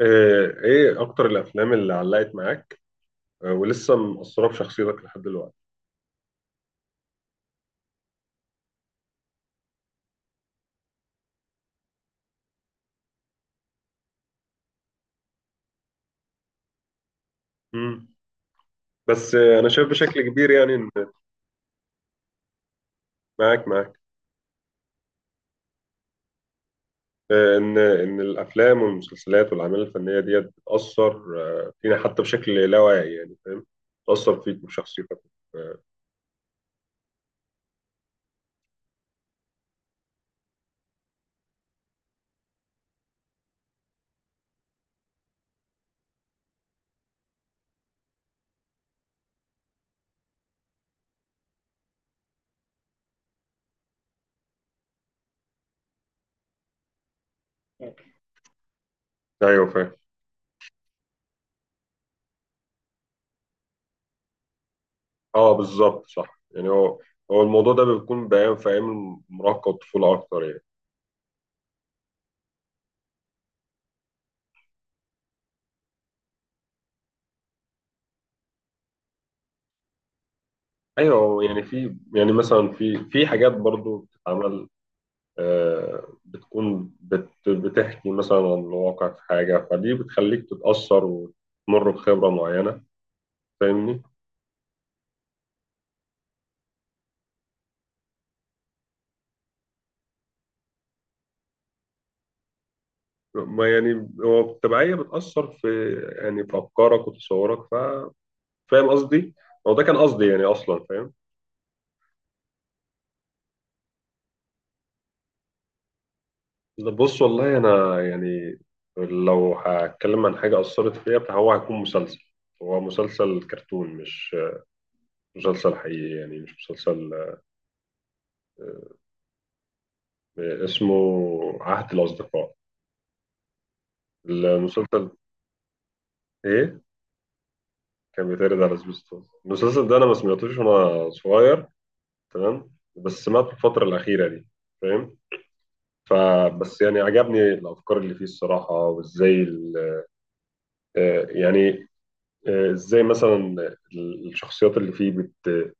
ايه اكتر الافلام اللي علقت معاك. ولسه مأثرة في شخصيتك لحد دلوقتي. مم. بس انا شايف بشكل كبير يعني ان معاك معاك. ان الافلام والمسلسلات والاعمال الفنية ديت بتأثر فينا حتى بشكل لا واعي يعني فاهم. بتأثر فيك وفي شخصيتك. آه، ايوه فاهم. اه بالظبط صح يعني هو الموضوع ده بيكون بيان في ايام المراهقة والطفولة اكتر يعني. ايوه يعني في يعني مثلا في حاجات برضو بتتعمل. بتكون بتحكي مثلا عن الواقع في حاجة فدي بتخليك تتأثر وتمر بخبرة معينة. فاهمني؟ ما يعني هو التبعية بتأثر في يعني في أفكارك وتصورك فاهم قصدي؟ هو ده كان قصدي يعني أصلا فاهم؟ لا، بص والله أنا يعني لو هتكلم عن حاجة أثرت فيا فهو هيكون مسلسل. هو مسلسل كرتون مش مسلسل حقيقي يعني مش مسلسل. اسمه عهد الأصدقاء المسلسل. إيه؟ كان بيتعرض على سبيستون المسلسل ده انا ما سمعتوش وانا صغير. تمام. بس سمعته في الفتره الاخيره دي. فاهم. فبس يعني عجبني الافكار اللي فيه الصراحه وازاي يعني ازاي مثلا الشخصيات اللي فيه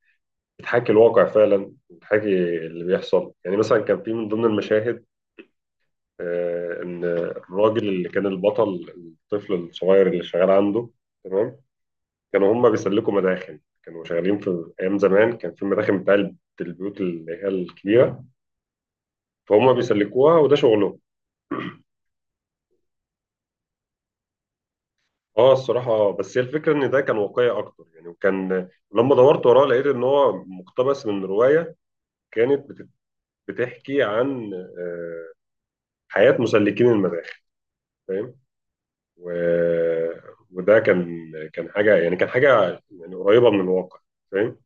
بتحاكي الواقع فعلا بتحاكي اللي بيحصل يعني مثلا كان في من ضمن المشاهد ان الراجل اللي كان البطل الطفل الصغير اللي شغال عنده. تمام. كانوا هم بيسلكوا مداخن كانوا شغالين في ايام زمان كان في مداخن بتاع البيوت اللي هي الكبيره فهم بيسلكوها وده شغلهم. اه الصراحه بس هي الفكره ان ده كان واقعي اكتر يعني وكان لما دورت وراه لقيت ان هو مقتبس من روايه كانت بتحكي عن حياه مسلكين المداخن. فاهم. و... وده كان حاجه يعني كان حاجه يعني قريبه من الواقع. فاهم.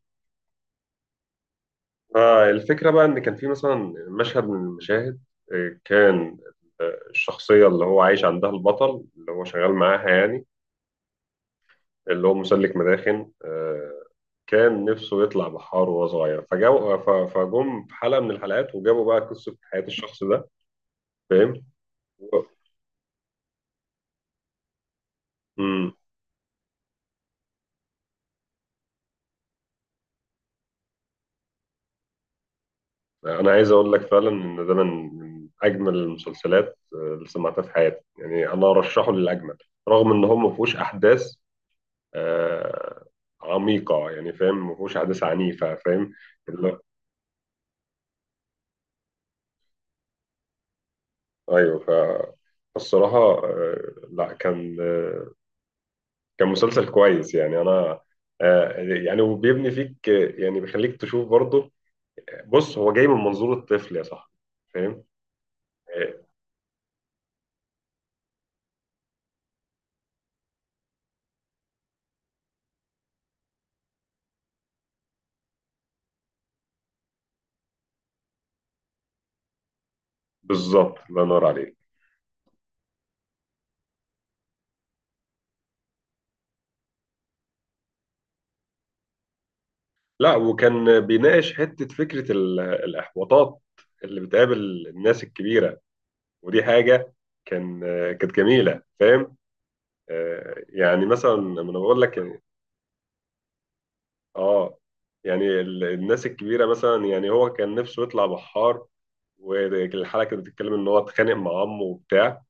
الفكرة بقى إن كان في مثلا مشهد من المشاهد كان الشخصية اللي هو عايش عندها البطل اللي هو شغال معاها يعني اللي هو مسلك مداخن كان نفسه يطلع بحار وهو صغير فجم في حلقة من الحلقات وجابوا بقى قصة حياة الشخص ده. فاهم؟ و- مم. أنا عايز أقول لك فعلا إن ده من أجمل المسلسلات اللي سمعتها في حياتي يعني أنا أرشحه للأجمل رغم إن هو ما فيهوش أحداث آه، عميقة يعني فاهم ما فيهوش حدث عنيفة فاهم. اللي- أيوه فالصراحة آه، لا كان مسلسل كويس يعني أنا يعني وبيبني فيك يعني بيخليك تشوف برضه. بص هو جاي من منظور الطفل يا صاحبي. فاهم آه، بالظبط الله ينور عليك. لا وكان بيناقش حتة فكرة الإحباطات اللي بتقابل الناس الكبيرة. ودي حاجة كانت جميلة فاهم. يعني مثلا لما أنا بقول لك اه يعني الناس الكبيره مثلا يعني هو كان نفسه يطلع بحار والحلقه كانت بتتكلم ان هو اتخانق مع عمه وبتاع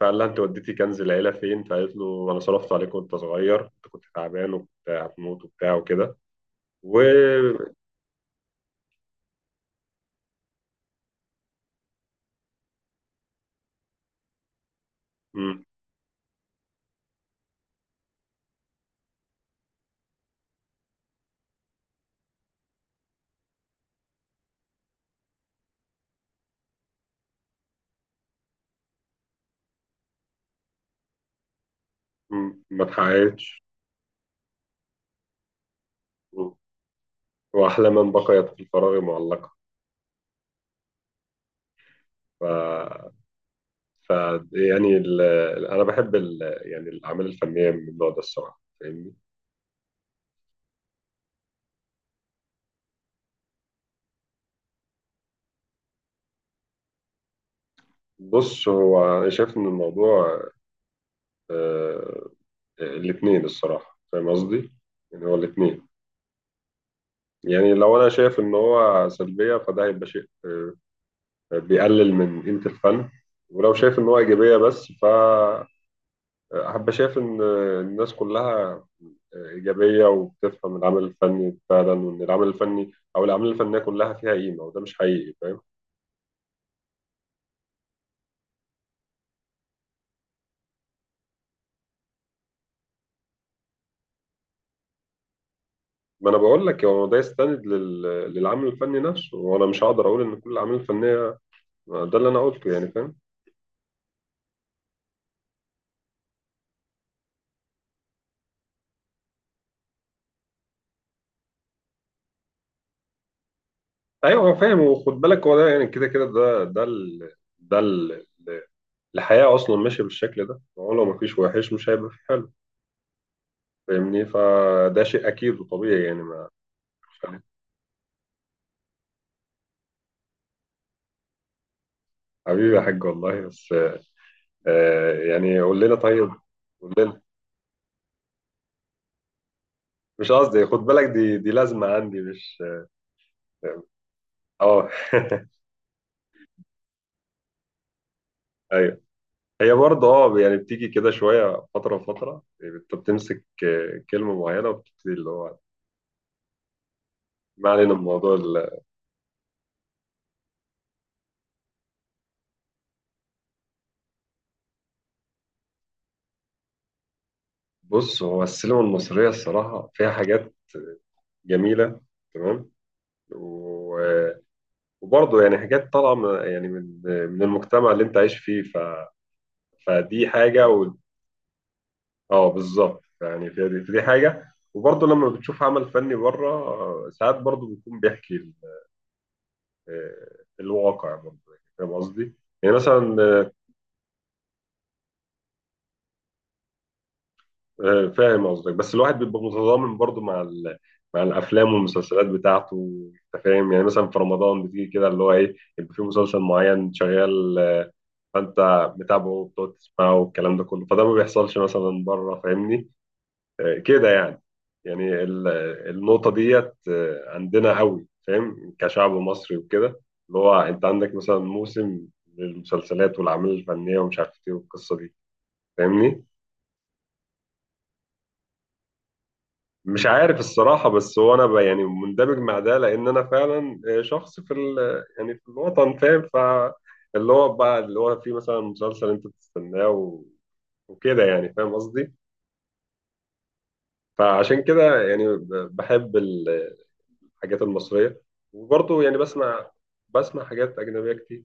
فقال لها انت وديتي كنز العيله فين فقالت له انا صرفت عليك وانت صغير انت كنت تعبان وكنت هتموت وبتاع وكده. و م- ما اتحققتش. م. واحلى من بقيت في الفراغ معلقه. ف ف يعني انا بحب يعني الاعمال الفنيه من النوع ده الصراحه فاهمني. بص هو أنا شايف إن الموضوع آه، الاتنين الصراحة فاهم قصدي؟ يعني هو الاتنين يعني لو أنا شايف إن هو سلبية فده هيبقى شيء بيقلل من قيمة الفن. ولو شايف إن هو إيجابية بس فهبقى شايف إن الناس كلها إيجابية وبتفهم العمل الفني فعلا وإن العمل الفني أو الأعمال الفنية كلها فيها قيمة وده مش حقيقي فاهم؟ ما أنا بقول لك هو ده يستند للعمل الفني نفسه وأنا مش هقدر أقول إن كل الأعمال الفنية ده اللي انا قلته يعني فاهم. ايوه هو فاهم وخد بالك هو ده يعني كده ده ال... الحياه اصلا ماشيه بالشكل ده هو لو مفيش وحش مش هيبقى في حلو. فاهمني فده شيء اكيد وطبيعي يعني ما. حبيبي يا حاج والله بس يعني قول لنا طيب قول لنا مش قصدي خد بالك دي لازمه عندي مش اه ايوه. هي برضه اه يعني بتيجي كده شويه فتره فتره انت بتمسك كلمه معينه وبتبتدي اللي هو. ما علينا من موضوع. بص هو السينما المصرية الصراحة فيها حاجات جميلة. تمام. و- وبرضه يعني حاجات طالعة يعني من المجتمع اللي أنت عايش فيه فدي حاجة أه بالظبط يعني في دي حاجة وبرضه لما بتشوف عمل فني بره ساعات برضه بيكون بيحكي الواقع برضه يعني فاهم قصدي؟ يعني مثلا فاهم قصدك بس الواحد بيبقى متضامن برضو مع مع الافلام والمسلسلات بتاعته. انت فاهم يعني مثلا في رمضان بتيجي كده اللي هو ايه يبقى في مسلسل معين شغال فانت متابعه وبتقعد تسمعه والكلام ده كله فده ما بيحصلش مثلا بره فاهمني. كده يعني يعني النقطة ديت عندنا قوي فاهم كشعب مصري وكده. اللي هو انت عندك مثلا موسم للمسلسلات والاعمال الفنية ومش عارف ايه والقصة دي فاهمني. مش عارف الصراحة بس هو أنا بقى يعني مندمج مع ده لأن أنا فعلا شخص في ال يعني في الوطن فاهم فاللي هو بقى اللي هو فيه مثلا مسلسل أنت بتستناه وكده يعني فاهم قصدي. فعشان كده يعني بحب الحاجات المصرية وبرضه يعني بسمع حاجات أجنبية كتير.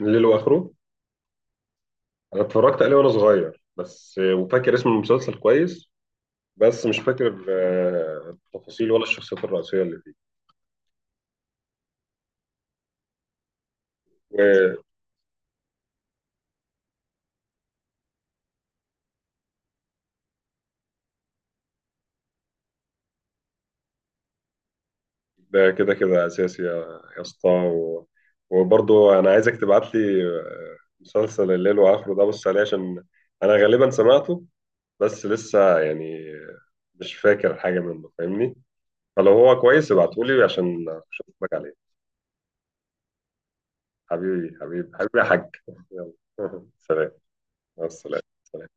ليل وآخره أنا اتفرجت عليه وأنا صغير بس وفاكر اسم المسلسل كويس بس مش فاكر التفاصيل ولا الشخصيات الرئيسية اللي فيه. ده كده كده اساسي يا اسطى وبرضه انا عايزك تبعت لي مسلسل الليل واخره ده بص عليه عشان انا غالبا سمعته بس لسه يعني مش فاكر حاجه منه فاهمني. فلو هو كويس ابعته لي عشان اشوفك عليه. حبيبي حبيبي حبيبي يا حاج. يلا سلام. مع السلامه.